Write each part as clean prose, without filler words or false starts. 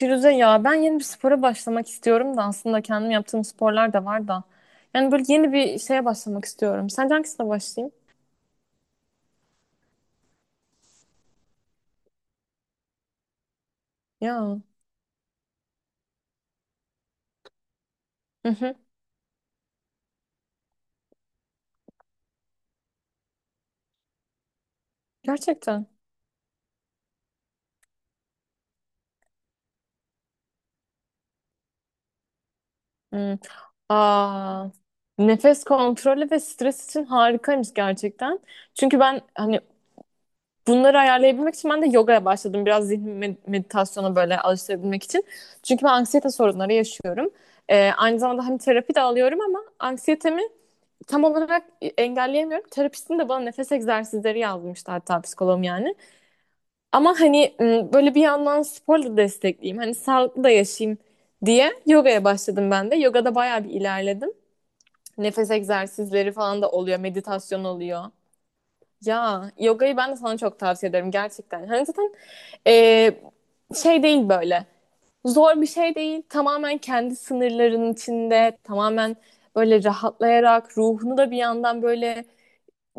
Firuze ya ben yeni bir spora başlamak istiyorum da aslında kendim yaptığım sporlar da var da. Yani böyle yeni bir şeye başlamak istiyorum. Sence hangisine başlayayım? Ya. Hı hı. Gerçekten. Hı. Aa, nefes kontrolü ve stres için harikaymış gerçekten. Çünkü ben hani bunları ayarlayabilmek için ben de yogaya başladım. Biraz zihin meditasyona böyle alıştırabilmek için. Çünkü ben anksiyete sorunları yaşıyorum. Aynı zamanda hani terapi de alıyorum ama anksiyetemi tam olarak engelleyemiyorum. Terapistim de bana nefes egzersizleri yazmıştı hatta psikologum yani. Ama hani böyle bir yandan sporla destekleyeyim. Hani sağlıklı da yaşayayım diye yogaya başladım ben de. Yogada bayağı bir ilerledim. Nefes egzersizleri falan da oluyor. Meditasyon oluyor. Ya yogayı ben de sana çok tavsiye ederim gerçekten. Hani zaten e, şey değil böyle. Zor bir şey değil. Tamamen kendi sınırların içinde. Tamamen böyle rahatlayarak ruhunu da bir yandan böyle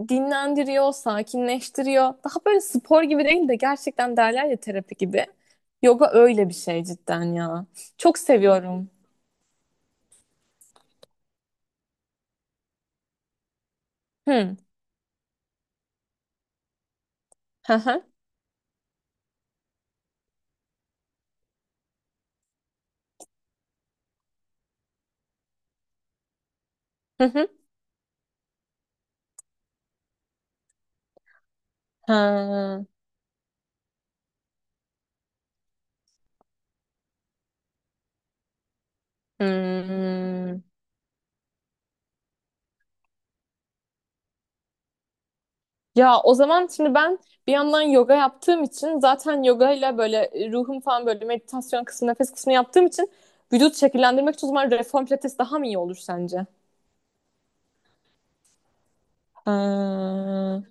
dinlendiriyor, sakinleştiriyor. Daha böyle spor gibi değil de gerçekten derler ya terapi gibi. Yoga öyle bir şey cidden ya. Çok seviyorum. Hı. Hı hı. Hı hı. Ha. Hmm. Ya o zaman şimdi ben bir yandan yoga yaptığım için zaten yoga ile böyle ruhum falan böyle meditasyon kısmı, nefes kısmı yaptığım için vücut şekillendirmek için o zaman reform pilates daha mı iyi olur sence? Ha.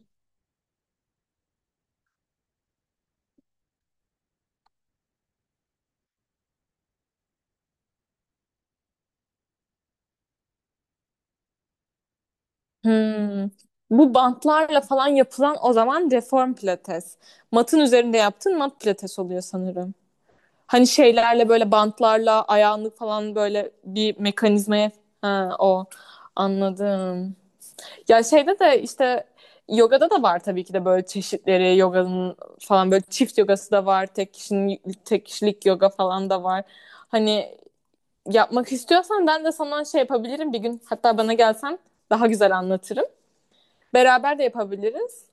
Hmm. Bu bantlarla falan yapılan o zaman reform pilates. Matın üzerinde yaptığın mat pilates oluyor sanırım. Hani şeylerle böyle bantlarla ayağını falan böyle bir mekanizmaya ha, o anladım. Ya şeyde de işte yogada da var tabii ki de böyle çeşitleri yoganın falan böyle çift yogası da var. Tek kişinin tek kişilik yoga falan da var. Hani yapmak istiyorsan ben de sana şey yapabilirim bir gün. Hatta bana gelsen daha güzel anlatırım. Beraber de yapabiliriz.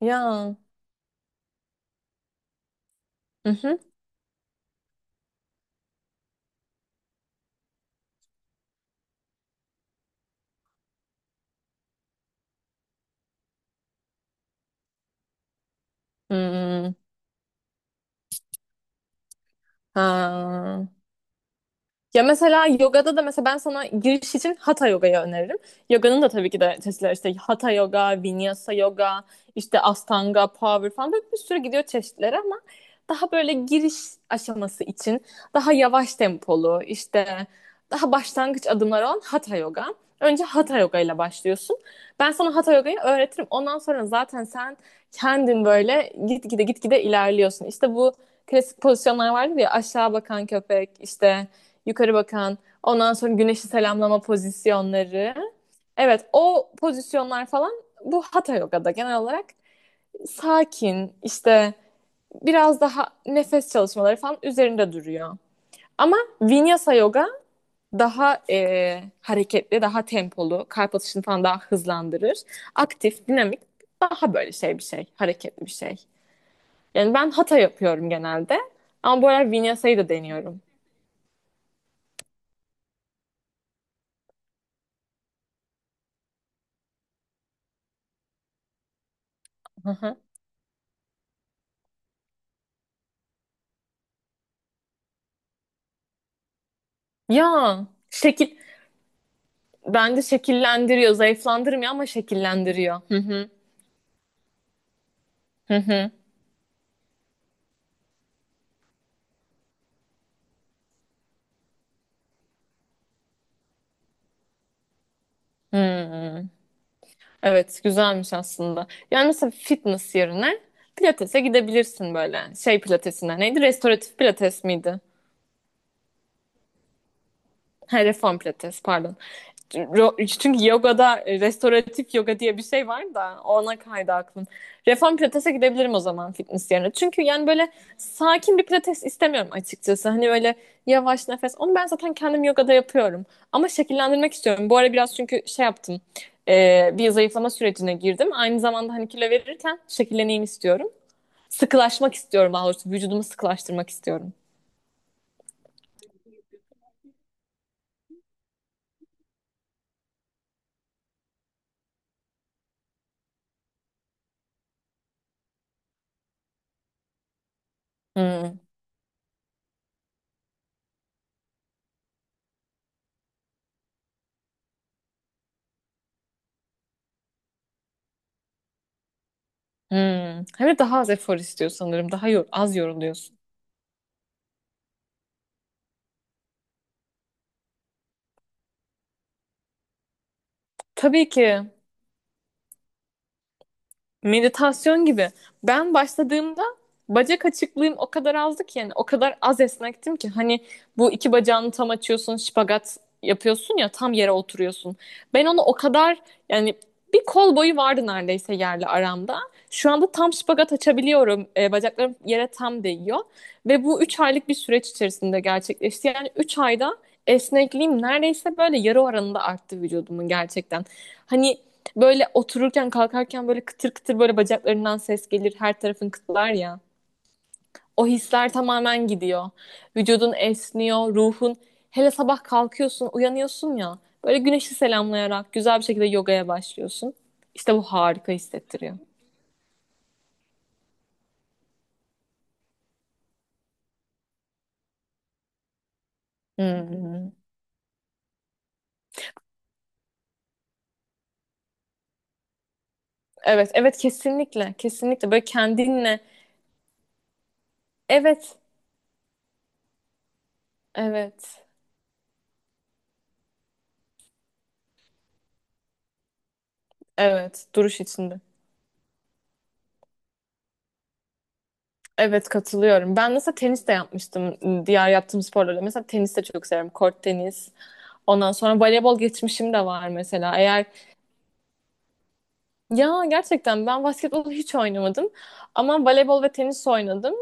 Ya. Hı hı. Hmm. Ha. Ya mesela yogada da mesela ben sana giriş için hatha yogayı öneririm. Yoganın da tabii ki de çeşitleri işte hatha yoga, vinyasa yoga, işte astanga, power falan böyle bir sürü gidiyor çeşitleri ama daha böyle giriş aşaması için daha yavaş tempolu işte daha başlangıç adımları olan hatha yoga. Önce hatha yoga ile başlıyorsun. Ben sana hatha yogayı öğretirim. Ondan sonra zaten sen kendin böyle gitgide gitgide ilerliyorsun. İşte bu klasik pozisyonlar vardı ya aşağı bakan köpek işte yukarı bakan, ondan sonra güneşi selamlama pozisyonları. Evet, o pozisyonlar falan bu Hatha Yoga'da genel olarak sakin, işte biraz daha nefes çalışmaları falan üzerinde duruyor. Ama Vinyasa Yoga daha hareketli, daha tempolu, kalp atışını falan daha hızlandırır. Aktif, dinamik, daha böyle şey bir şey, hareketli bir şey. Yani ben Hatha yapıyorum genelde ama bu aralar Vinyasa'yı da deniyorum. Hı hı. Ya şekil, Bence şekillendiriyor, zayıflandırmıyor ama şekillendiriyor. Hı hı, hı hı. Hmm. Evet, güzelmiş aslında. Yani mesela fitness yerine pilatese gidebilirsin böyle. Şey pilatesine neydi? Restoratif pilates miydi? Ha, reform pilates, pardon. Çünkü yogada restoratif yoga diye bir şey var da ona kaydı aklım. Reform pilatese gidebilirim o zaman fitness yerine. Çünkü yani böyle sakin bir pilates istemiyorum açıkçası. Hani böyle yavaş nefes. Onu ben zaten kendim yogada yapıyorum. Ama şekillendirmek istiyorum. Bu ara biraz çünkü şey yaptım. Bir zayıflama sürecine girdim. Aynı zamanda hani kilo verirken şekilleneyim istiyorum. Sıkılaşmak istiyorum daha doğrusu. Vücudumu sıkılaştırmak istiyorum. Hmm. Hmm. Hem de daha az efor istiyor sanırım. Daha az yoruluyorsun. Tabii ki. Meditasyon gibi. Ben başladığımda bacak açıklığım o kadar azdı ki yani o kadar az esnektim ki hani bu iki bacağını tam açıyorsun, şipagat yapıyorsun ya tam yere oturuyorsun. Ben onu o kadar yani bir kol boyu vardı neredeyse yerle aramda. Şu anda tam şipagat açabiliyorum. Bacaklarım yere tam değiyor. Ve bu 3 aylık bir süreç içerisinde gerçekleşti. Yani 3 ayda esnekliğim neredeyse böyle yarı oranında arttı vücudumun gerçekten. Hani böyle otururken kalkarken böyle kıtır kıtır böyle bacaklarından ses gelir. Her tarafın kıtlar ya. O hisler tamamen gidiyor. Vücudun esniyor, ruhun. Hele sabah kalkıyorsun, uyanıyorsun ya. Böyle güneşi selamlayarak güzel bir şekilde yogaya başlıyorsun. İşte bu harika hissettiriyor. Hmm. Evet, evet kesinlikle. Kesinlikle böyle kendinle. Evet, evet, evet. Duruş içinde. Evet katılıyorum. Ben mesela tenis de yapmıştım diğer yaptığım sporlarla. Mesela tenis de çok severim. Kort tenis. Ondan sonra voleybol geçmişim de var mesela. Eğer ya gerçekten ben basketbol hiç oynamadım ama voleybol ve tenis oynadım.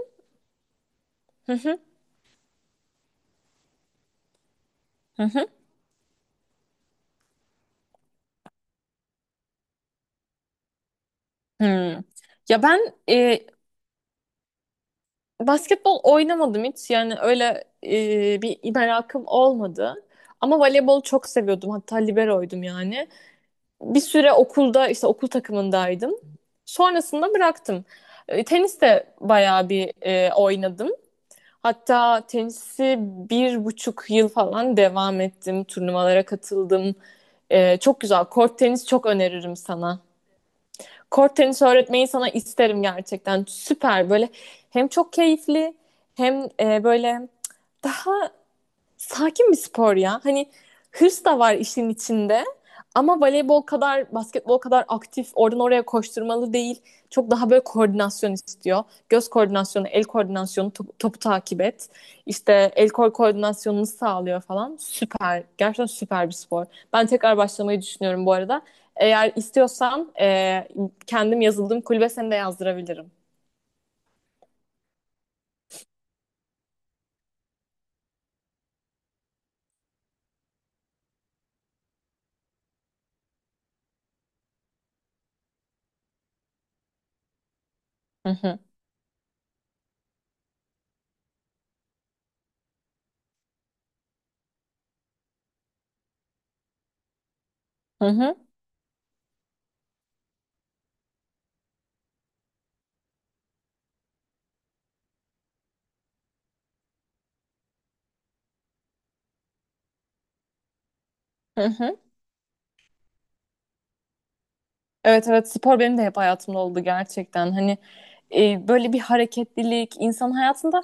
Hmm. Ya ben basketbol oynamadım hiç. Yani öyle bir merakım olmadı. Ama voleybolu çok seviyordum. Hatta liberoydum yani. Bir süre okulda işte okul takımındaydım. Sonrasında bıraktım. Tenis de bayağı bir oynadım. Hatta tenisi 1,5 yıl falan devam ettim. Turnuvalara katıldım. Çok güzel. Kort tenis çok öneririm sana. Kort tenis öğretmeyi sana isterim gerçekten. Süper böyle hem çok keyifli hem böyle daha sakin bir spor ya. Hani hırs da var işin içinde. Ama voleybol kadar, basketbol kadar aktif, oradan oraya koşturmalı değil. Çok daha böyle koordinasyon istiyor. Göz koordinasyonu, el koordinasyonu, topu takip et. İşte el kol koordinasyonunu sağlıyor falan. Süper. Gerçekten süper bir spor. Ben tekrar başlamayı düşünüyorum bu arada. Eğer istiyorsan kendim yazıldığım kulübe seni de yazdırabilirim. Hı hı. Hı hı. Hı hı. Evet evet spor benim de hep hayatımda oldu gerçekten. Hani böyle bir hareketlilik insan hayatında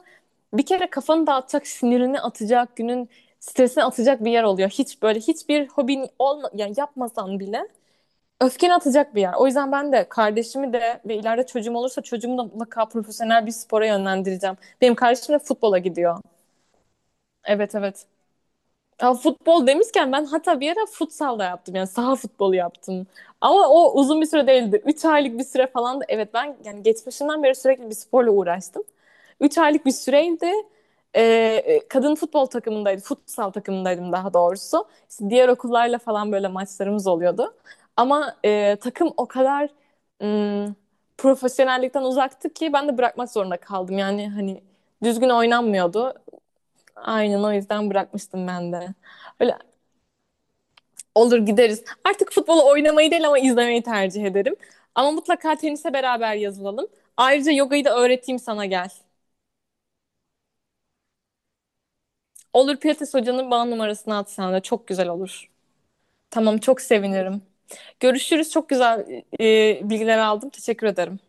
bir kere kafanı dağıtacak, sinirini atacak, günün stresini atacak bir yer oluyor. Hiç böyle hiçbir hobin olma yani yapmasan bile öfkeni atacak bir yer. O yüzden ben de kardeşimi de ve ileride çocuğum olursa çocuğumu da mutlaka profesyonel bir spora yönlendireceğim. Benim kardeşim de futbola gidiyor. Evet evet. Ya futbol demişken ben hatta bir ara futsal da yaptım. Yani saha futbolu yaptım. Ama o uzun bir süre değildi. 3 aylık bir süre falan evet ben yani geçmişimden beri sürekli bir sporla uğraştım. 3 aylık bir süreydi. Ee, kadın futbol takımındaydım, Futsal takımındaydım daha doğrusu. İşte diğer okullarla falan böyle maçlarımız oluyordu. Ama takım o kadar ım, profesyonellikten uzaktı ki ben de bırakmak zorunda kaldım. Yani hani düzgün oynanmıyordu. Aynen o yüzden bırakmıştım ben de. Öyle olur gideriz. Artık futbolu oynamayı değil ama izlemeyi tercih ederim. Ama mutlaka tenise beraber yazılalım. Ayrıca yogayı da öğreteyim sana gel. Olur Pilates hocanın bana numarasını at sana da çok güzel olur. Tamam çok sevinirim. Görüşürüz. Çok güzel bilgiler aldım. Teşekkür ederim.